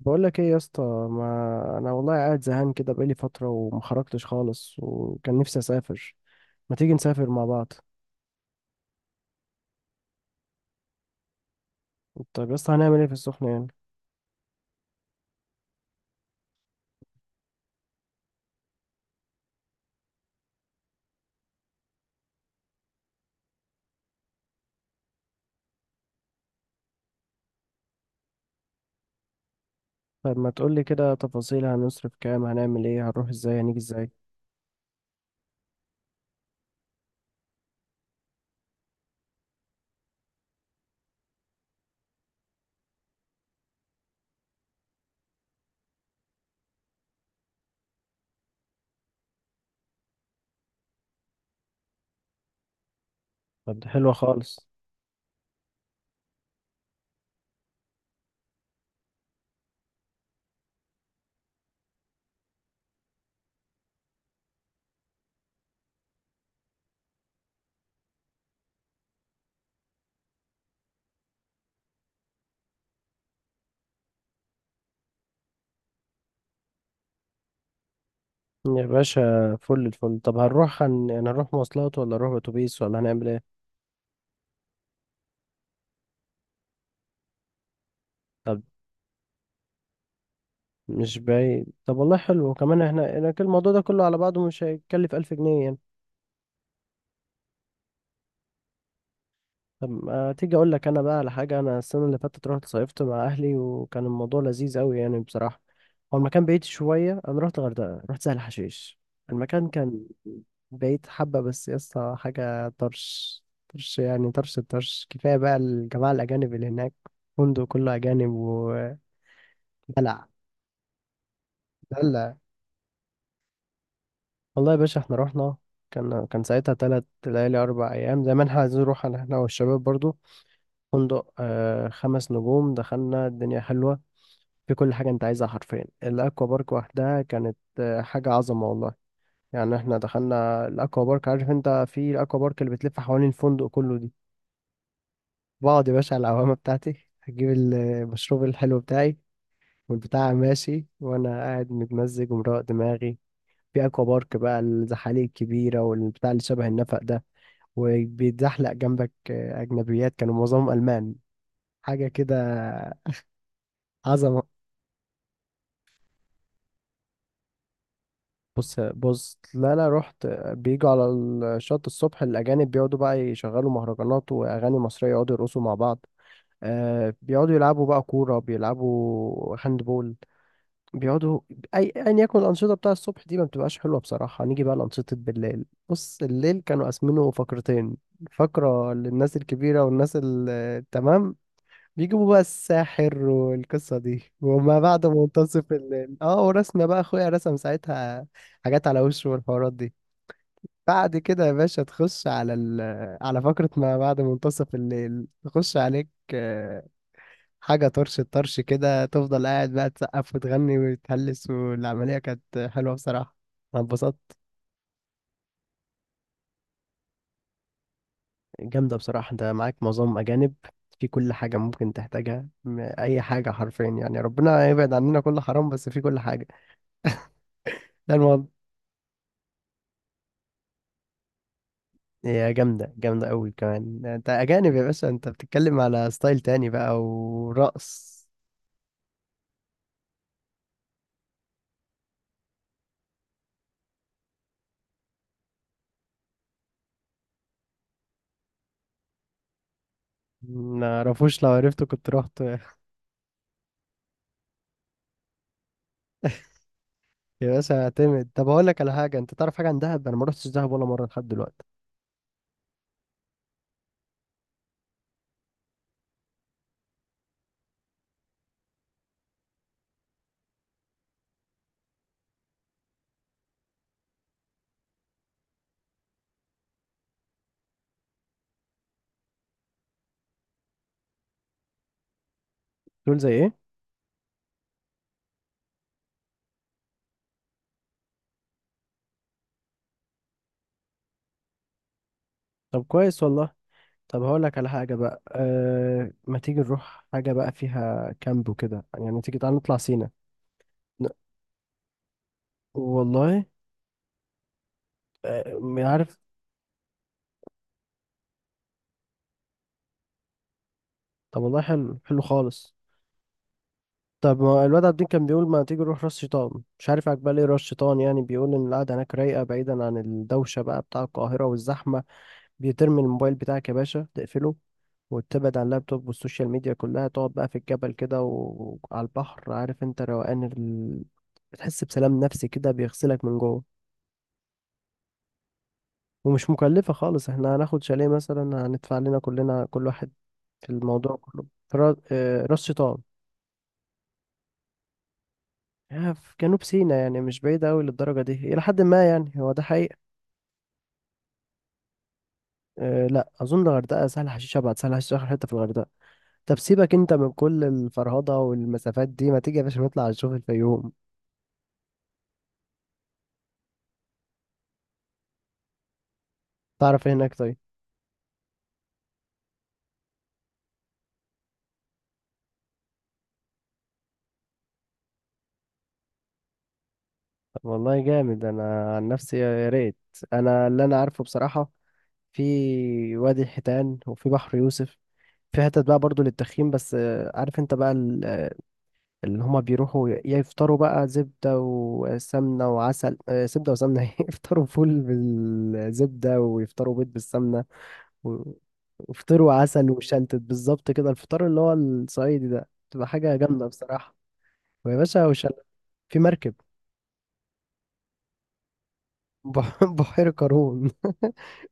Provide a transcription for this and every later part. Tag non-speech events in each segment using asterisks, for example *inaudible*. بقول لك ايه يا اسطى؟ ما انا والله قاعد زهقان كده بقالي فتره وما خرجتش خالص وكان نفسي اسافر. ما تيجي نسافر مع بعض؟ طب يا اسطى هنعمل ايه في السخنه يعني؟ طب ما تقول لي كده تفاصيل، هنصرف كام، هنعمل ايه، هنروح ازاي، هنيجي ازاي؟ طب دي حلوه خالص. يا باشا فل الفل. طب هنروح يعني هنروح مواصلات ولا نروح اتوبيس ولا هنعمل ايه؟ طب مش بعيد، طب والله حلو، وكمان احنا كل الموضوع ده كله على بعضه مش هيكلف 1000 جنيه يعني. طب ما تيجي اقول لك انا بقى على حاجه، انا السنه اللي فاتت رحت صيفت مع اهلي وكان الموضوع لذيذ قوي يعني بصراحه. هو المكان بعيد شويه، انا رحت الغردقه، رحت سهل حشيش. المكان كان بعيد حبه، بس يا اسطى حاجه طرش طرش يعني طرش الطرش، كفايه بقى الجماعه الاجانب اللي هناك، فندق كله اجانب ودلع دلع. والله يا باشا احنا رحنا، كان ساعتها 3 ليالي 4 أيام، زي ما احنا عايزين نروح، احنا والشباب برضو. فندق 5 نجوم، دخلنا الدنيا حلوة في كل حاجة انت عايزها حرفيا. الاكوا بارك وحدها كانت حاجة عظمة والله. يعني احنا دخلنا الاكوا بارك، عارف انت، في الاكوا بارك اللي بتلف حوالين الفندق كله دي، بقعد يا باشا على العوامة بتاعتي، هجيب المشروب الحلو بتاعي والبتاع ماشي وانا قاعد متمزج ومروق دماغي. في اكوا بارك بقى الزحاليق الكبيرة والبتاع اللي شبه النفق ده، وبيتزحلق جنبك اجنبيات كانوا معظمهم المان، حاجة كده عظمة. بص بص، لا لا رحت. بيجوا على الشط الصبح، الأجانب بيقعدوا بقى يشغلوا مهرجانات وأغاني مصرية، يقعدوا يرقصوا مع بعض. آه بيقعدوا يلعبوا بقى كورة، بيلعبوا هاند بول، بيقعدوا أي أيا يكن. الأنشطة بتاع الصبح دي ما بتبقاش حلوة بصراحة، نيجي بقى لأنشطة بالليل. بص الليل كانوا قاسمينه فقرتين: فقرة للناس الكبيرة والناس التمام، بيجيبوا بقى الساحر والقصة دي، وما بعد منتصف الليل ورسمة بقى اخويا رسم ساعتها حاجات على وشه والحوارات دي. بعد كده يا باشا تخش على على فقرة ما بعد منتصف الليل، تخش عليك حاجة طرش الطرش كده، تفضل قاعد بقى تسقف وتغني وتهلس، والعملية كانت حلوة بصراحة، أنا اتبسطت. جامدة بصراحة، أنت معاك معظم أجانب، في كل حاجة ممكن تحتاجها أي حاجة حرفيا يعني، ربنا يبعد عننا كل حرام، بس في كل حاجة. ده هي جامدة جامدة أوي، كمان أنت أجانب يا باشا، أنت بتتكلم على ستايل تاني بقى ورقص. معرفوش، لو عرفته كنت رحت. يا باشا اعتمد، طب هقول لك على حاجة، أنت تعرف حاجة عن دهب؟ أنا ما رحتش دهب ولا مرة لحد دلوقتي. تقول زي إيه؟ طب كويس والله. طب هقول لك على حاجة بقى، أه ما تيجي نروح حاجة بقى فيها كامب وكده يعني، ما تيجي تعالى نطلع سينا. ن- والله، أه عارف. طب والله حلو حلو خالص. طب ما الواد عابدين كان بيقول ما تيجي نروح راس شيطان، مش عارف عجبال ايه راس شيطان يعني، بيقول ان القعده هناك رايقه بعيدا عن الدوشه بقى بتاع القاهره والزحمه، بيترمي الموبايل بتاعك يا باشا تقفله، وتبعد عن اللابتوب والسوشيال ميديا كلها، تقعد بقى في الجبل كده وعلى البحر، عارف انت روقان بتحس بسلام نفسي كده بيغسلك من جوه. ومش مكلفه خالص، احنا هناخد شاليه مثلا هندفع لنا كلنا كل واحد في الموضوع كله، في راس شيطان. في جنوب سيناء يعني، مش بعيدة أوي للدرجة دي، إلى حد ما يعني، هو ده حقيقة. أه لا أظن، الغردقة سهل حشيش أبعد، سهل حشيش آخر حتة في الغردقة. طب سيبك أنت من كل الفرهضة والمسافات دي، ما تيجي يا باشا نطلع نشوف الفيوم؟ تعرف إيه هناك طيب؟ طب والله جامد، أنا عن نفسي يا ريت. أنا اللي أنا عارفه بصراحة، في وادي الحيتان وفي بحر يوسف، في حتت بقى برضو للتخييم، بس عارف أنت بقى، اللي هما بيروحوا يفطروا بقى زبدة وسمنة وعسل، زبدة وسمنة *laughs* إيه؟ يفطروا فول بالزبدة ويفطروا بيض بالسمنة و- ويفطروا عسل وشلتت بالظبط كده، الفطار اللي هو الصعيدي ده تبقى حاجة جامدة بصراحة. ويا باشا وشلتت في مركب. *laughs* بحيرة قارون *laughs*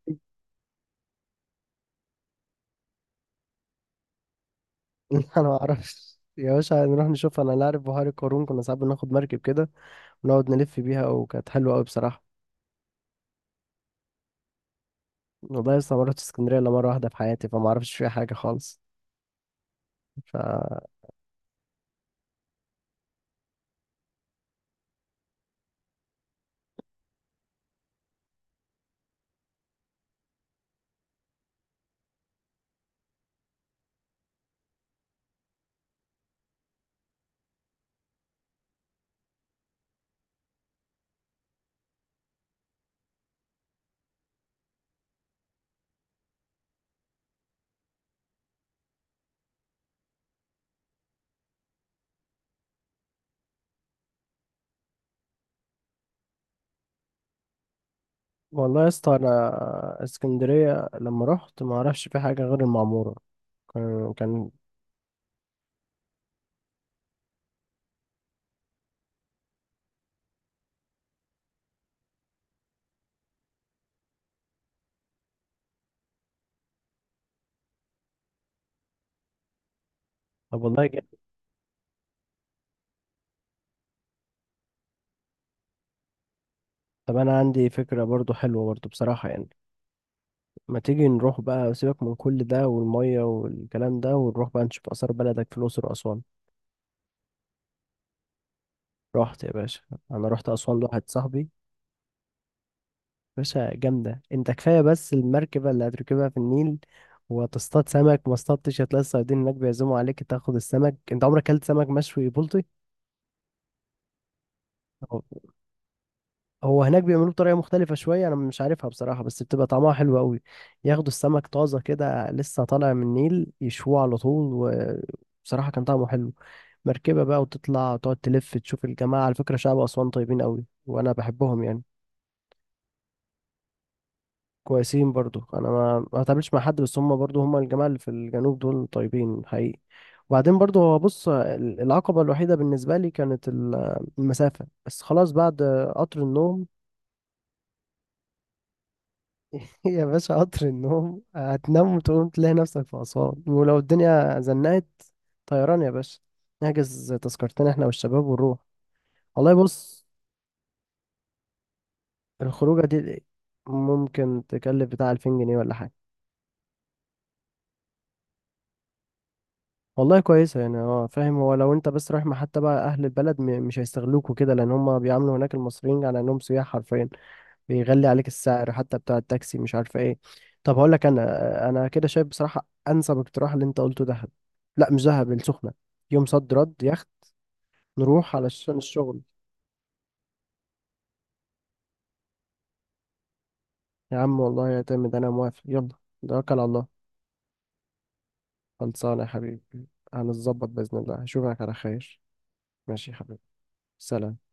انا ما اعرفش يا باشا، نروح نشوف، انا لا اعرف، بحيرة قارون كنا ساعات بناخد مركب كده ونقعد نلف بيها وكانت حلوة قوي بصراحة. والله لسه ما رحتش اسكندرية الا مرة واحدة في حياتي، فما اعرفش فيها حاجة خالص ف. والله يا اسطى انا اسكندريه لما رحت ما اعرفش في حاجه غير المعموره. كان. طب والله جامد. طب انا عندي فكره برضو حلوه برضو بصراحه يعني، ما تيجي نروح بقى، سيبك من كل ده والميه والكلام ده، ونروح بقى نشوف اثار بلدك في الاقصر واسوان. رحت يا باشا، رحت اسوان لواحد صاحبي. باشا جامده، انت كفايه بس المركبه اللي هتركبها في النيل وتصطاد سمك، ما اصطادتش هتلاقي الصيادين هناك بيعزموا عليك تاخد السمك، انت عمرك اكلت سمك مشوي بلطي؟ هو هناك بيعملوه بطريقة مختلفة شوية أنا مش عارفها بصراحة، بس بتبقى طعمها حلو أوي، ياخدوا السمك طازة كده لسه طالع من النيل يشووه على طول، وبصراحة كان طعمه حلو. مركبة بقى وتطلع وتقعد تلف تشوف الجماعة، على فكرة شعب أسوان طيبين أوي وأنا بحبهم يعني. كويسين برضو، أنا ما ما اتقابلتش مع حد، بس هم برضو هم الجماعة اللي في الجنوب دول طيبين حقيقي. وبعدين برضو هو بص، العقبة الوحيدة بالنسبة لي كانت المسافة، بس خلاص بعد قطر النوم. *laughs* يا باشا قطر النوم، هتنام وتقوم تلاقي نفسك في أسوان، ولو الدنيا زنقت طيران يا باشا، نحجز تذكرتين احنا والشباب ونروح. والله بص، الخروجة دي ممكن تكلف بتاع 2000 جنيه ولا حاجة. والله كويسة يعني، اه فاهم، هو لو انت بس رايح مع حتى بقى أهل البلد مش هيستغلوك وكده، لأن هما بيعاملوا هناك المصريين على إنهم سياح حرفيا، بيغلي عليك السعر حتى بتاع التاكسي مش عارفه ايه. طب هقول لك انا كده شايف بصراحه انسب اقتراح اللي انت قلته دهب. لا مش دهب، السخنه، يوم صد رد، يخت، نروح علشان الشغل. يا عم والله يعتمد، انا موافق يلا، توكل على الله. خلصانه يا حبيبي. هنظبط باذن الله، اشوفك على خير. ماشي يا حبيبي. سلام.